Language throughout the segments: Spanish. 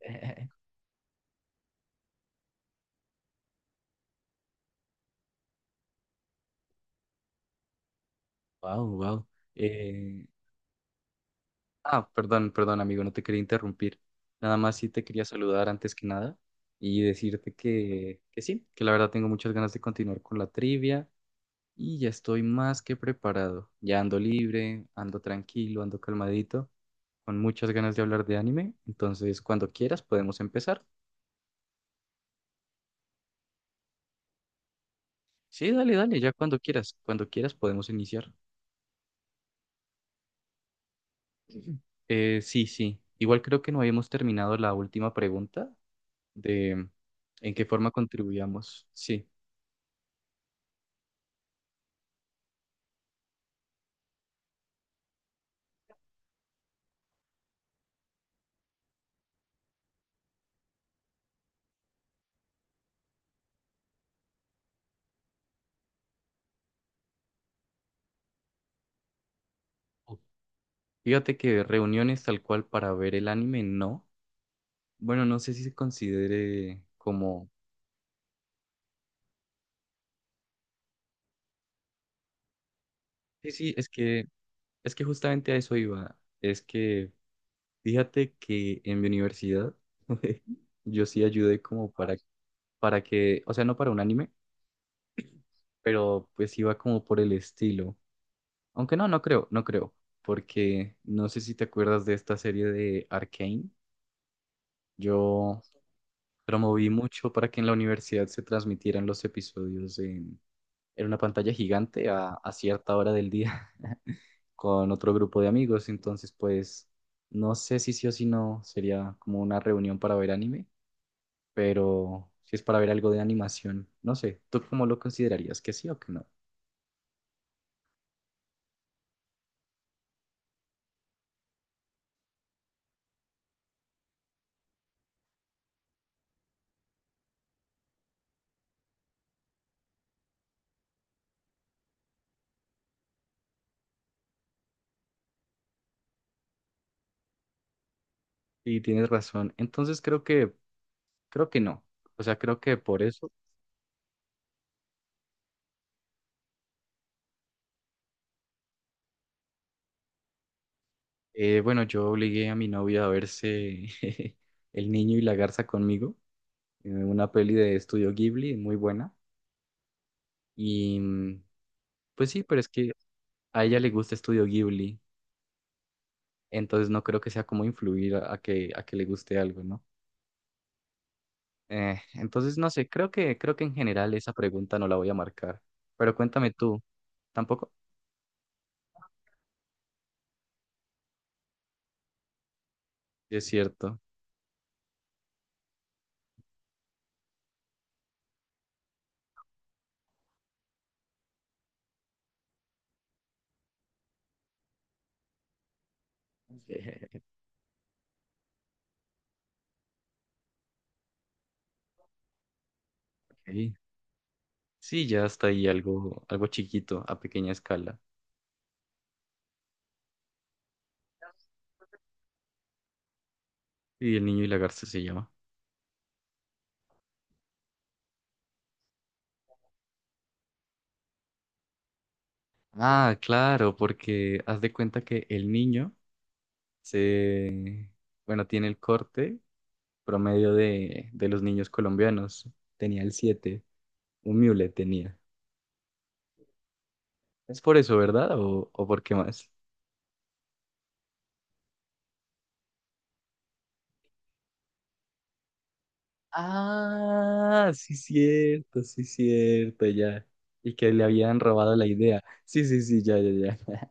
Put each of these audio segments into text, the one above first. Wow, wow. Eh, perdón, perdón, amigo, no te quería interrumpir. Nada más sí te quería saludar antes que nada y decirte que sí, que la verdad tengo muchas ganas de continuar con la trivia y ya estoy más que preparado. Ya ando libre, ando tranquilo, ando calmadito, con muchas ganas de hablar de anime. Entonces, cuando quieras podemos empezar. Sí, dale, dale, ya cuando quieras podemos iniciar. Sí, sí. Igual creo que no habíamos terminado la última pregunta, de en qué forma contribuíamos. Sí. Ok. Fíjate que reuniones tal cual para ver el anime, no. Bueno, no sé si se considere como... Sí, sí, es que justamente a eso iba. Es que fíjate que en mi universidad yo sí ayudé como para que, o sea, no para un anime, pero pues iba como por el estilo. Aunque no, no creo, no creo. Porque no sé si te acuerdas de esta serie de Arcane. Yo promoví mucho para que en la universidad se transmitieran los episodios en una pantalla gigante a cierta hora del día con otro grupo de amigos. Entonces, pues, no sé si sí o si no sería como una reunión para ver anime, pero si es para ver algo de animación, no sé. ¿Tú cómo lo considerarías? ¿Que sí o que no? Y tienes razón. Entonces, creo que no. O sea, creo que por eso, bueno, yo obligué a mi novia a verse El niño y la garza conmigo, una peli de Estudio Ghibli, muy buena. Y pues sí, pero es que a ella le gusta Estudio Ghibli, entonces no creo que sea como influir a que le guste algo, ¿no? Entonces, no sé, creo que en general esa pregunta no la voy a marcar. Pero cuéntame tú, ¿tampoco? Sí, es cierto. Ok. Sí, ya está ahí algo, algo chiquito, a pequeña escala. Y el niño y la garza se llama. Ah, claro, porque haz de cuenta que el niño se, bueno, tiene el corte promedio de los niños colombianos. Tenía el 7 un mule tenía. Es por eso, ¿verdad? O por qué más? Ah, sí, cierto, ya. Y que le habían robado la idea. Sí, sí, sí, ya, ya, ya.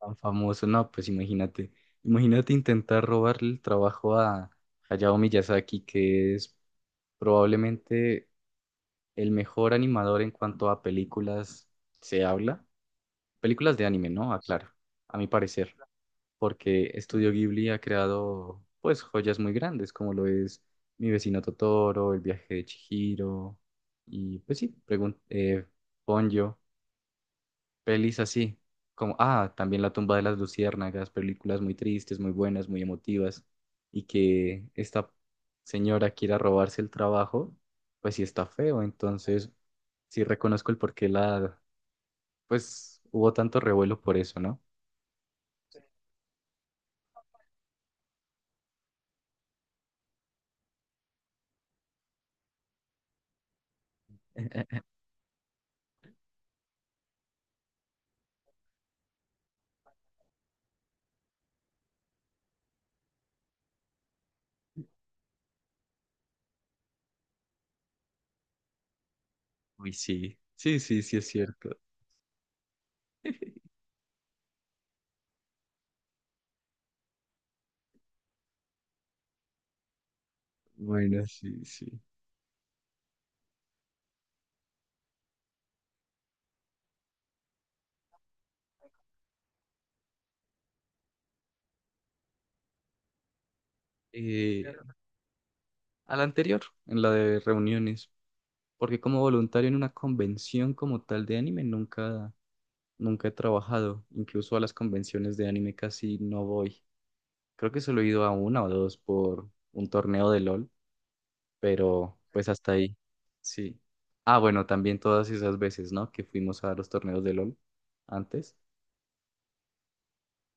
Tan famoso. No, pues imagínate. Imagínate intentar robarle el trabajo a Hayao Miyazaki, que es probablemente el mejor animador en cuanto a películas se habla. Películas de anime, ¿no? Aclaro, a mi parecer. Porque Estudio Ghibli ha creado pues joyas muy grandes, como lo es Mi vecino Totoro, El viaje de Chihiro, y pues sí, pregun Ponyo, pelis así, como, ah, también La tumba de las luciérnagas, películas muy tristes, muy buenas, muy emotivas, y que esta señora quiera robarse el trabajo, pues sí está feo, entonces sí reconozco el por qué la, pues hubo tanto revuelo por eso, ¿no? Uy, sí, sí, sí, sí es cierto. Bueno, sí, sí. Claro. A la anterior, en la de reuniones, porque como voluntario en una convención como tal de anime nunca, nunca he trabajado. Incluso a las convenciones de anime casi no voy. Creo que solo he ido a una o dos por un torneo de LOL, pero pues hasta ahí. Sí. Ah, bueno, también todas esas veces, ¿no? Que fuimos a los torneos de LOL antes,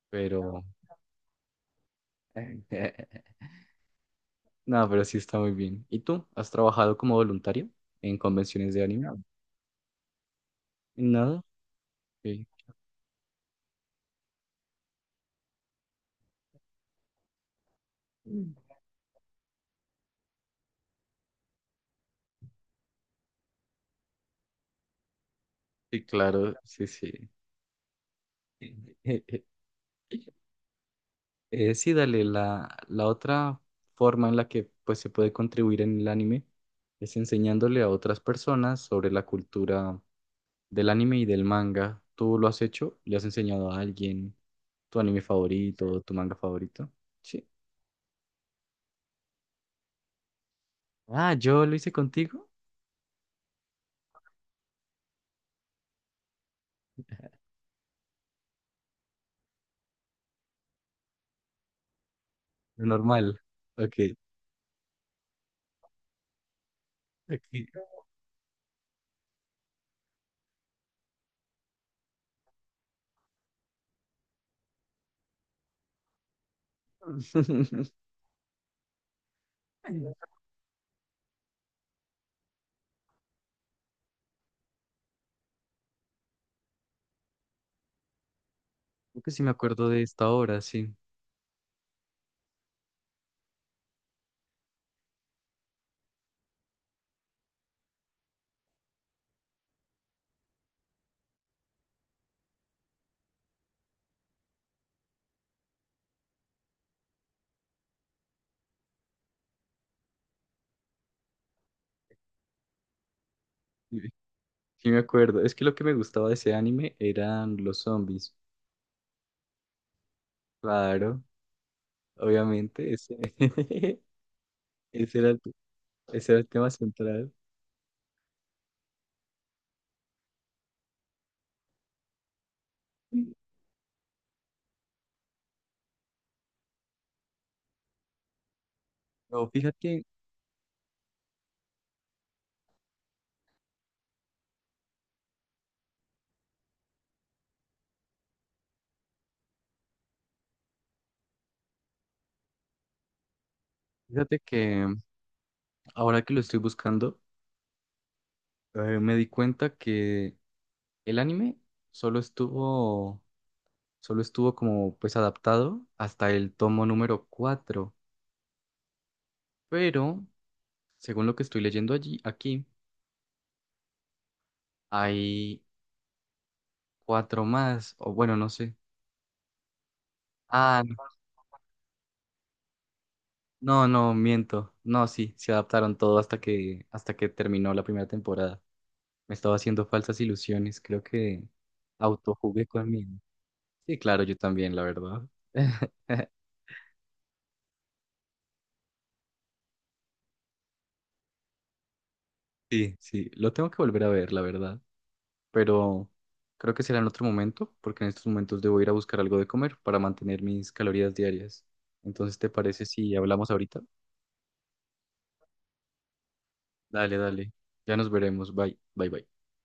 pero... No, pero sí está muy bien. ¿Y tú? ¿Has trabajado como voluntario en convenciones de anime? No, sí, mm, sí, claro, sí, sí. Sí, dale, la otra forma en la que pues, se puede contribuir en el anime es enseñándole a otras personas sobre la cultura del anime y del manga. ¿Tú lo has hecho? ¿Le has enseñado a alguien tu anime favorito o tu manga favorito? Sí. Ah, ¿yo lo hice contigo? Lo normal. Ok. Ok. Creo que sí me acuerdo de esta hora, sí. Sí, me acuerdo. Es que lo que me gustaba de ese anime eran los zombies. Claro, obviamente. Ese, ese era el, ese era el tema central. No, fíjate, fíjate que ahora que lo estoy buscando, me di cuenta que el anime solo estuvo, solo estuvo como pues adaptado hasta el tomo número cuatro. Pero, según lo que estoy leyendo allí, aquí, hay cuatro más. O bueno, no sé. Ah, no. No, no, miento. No, sí, se adaptaron todo hasta hasta que terminó la primera temporada. Me estaba haciendo falsas ilusiones. Creo que autojugué conmigo. Sí, claro, yo también, la verdad. Sí, sí, lo tengo que volver a ver, la verdad. Pero creo que será en otro momento, porque en estos momentos debo ir a buscar algo de comer para mantener mis calorías diarias. Entonces, ¿te parece si hablamos ahorita? Dale, dale. Ya nos veremos. Bye, bye, bye.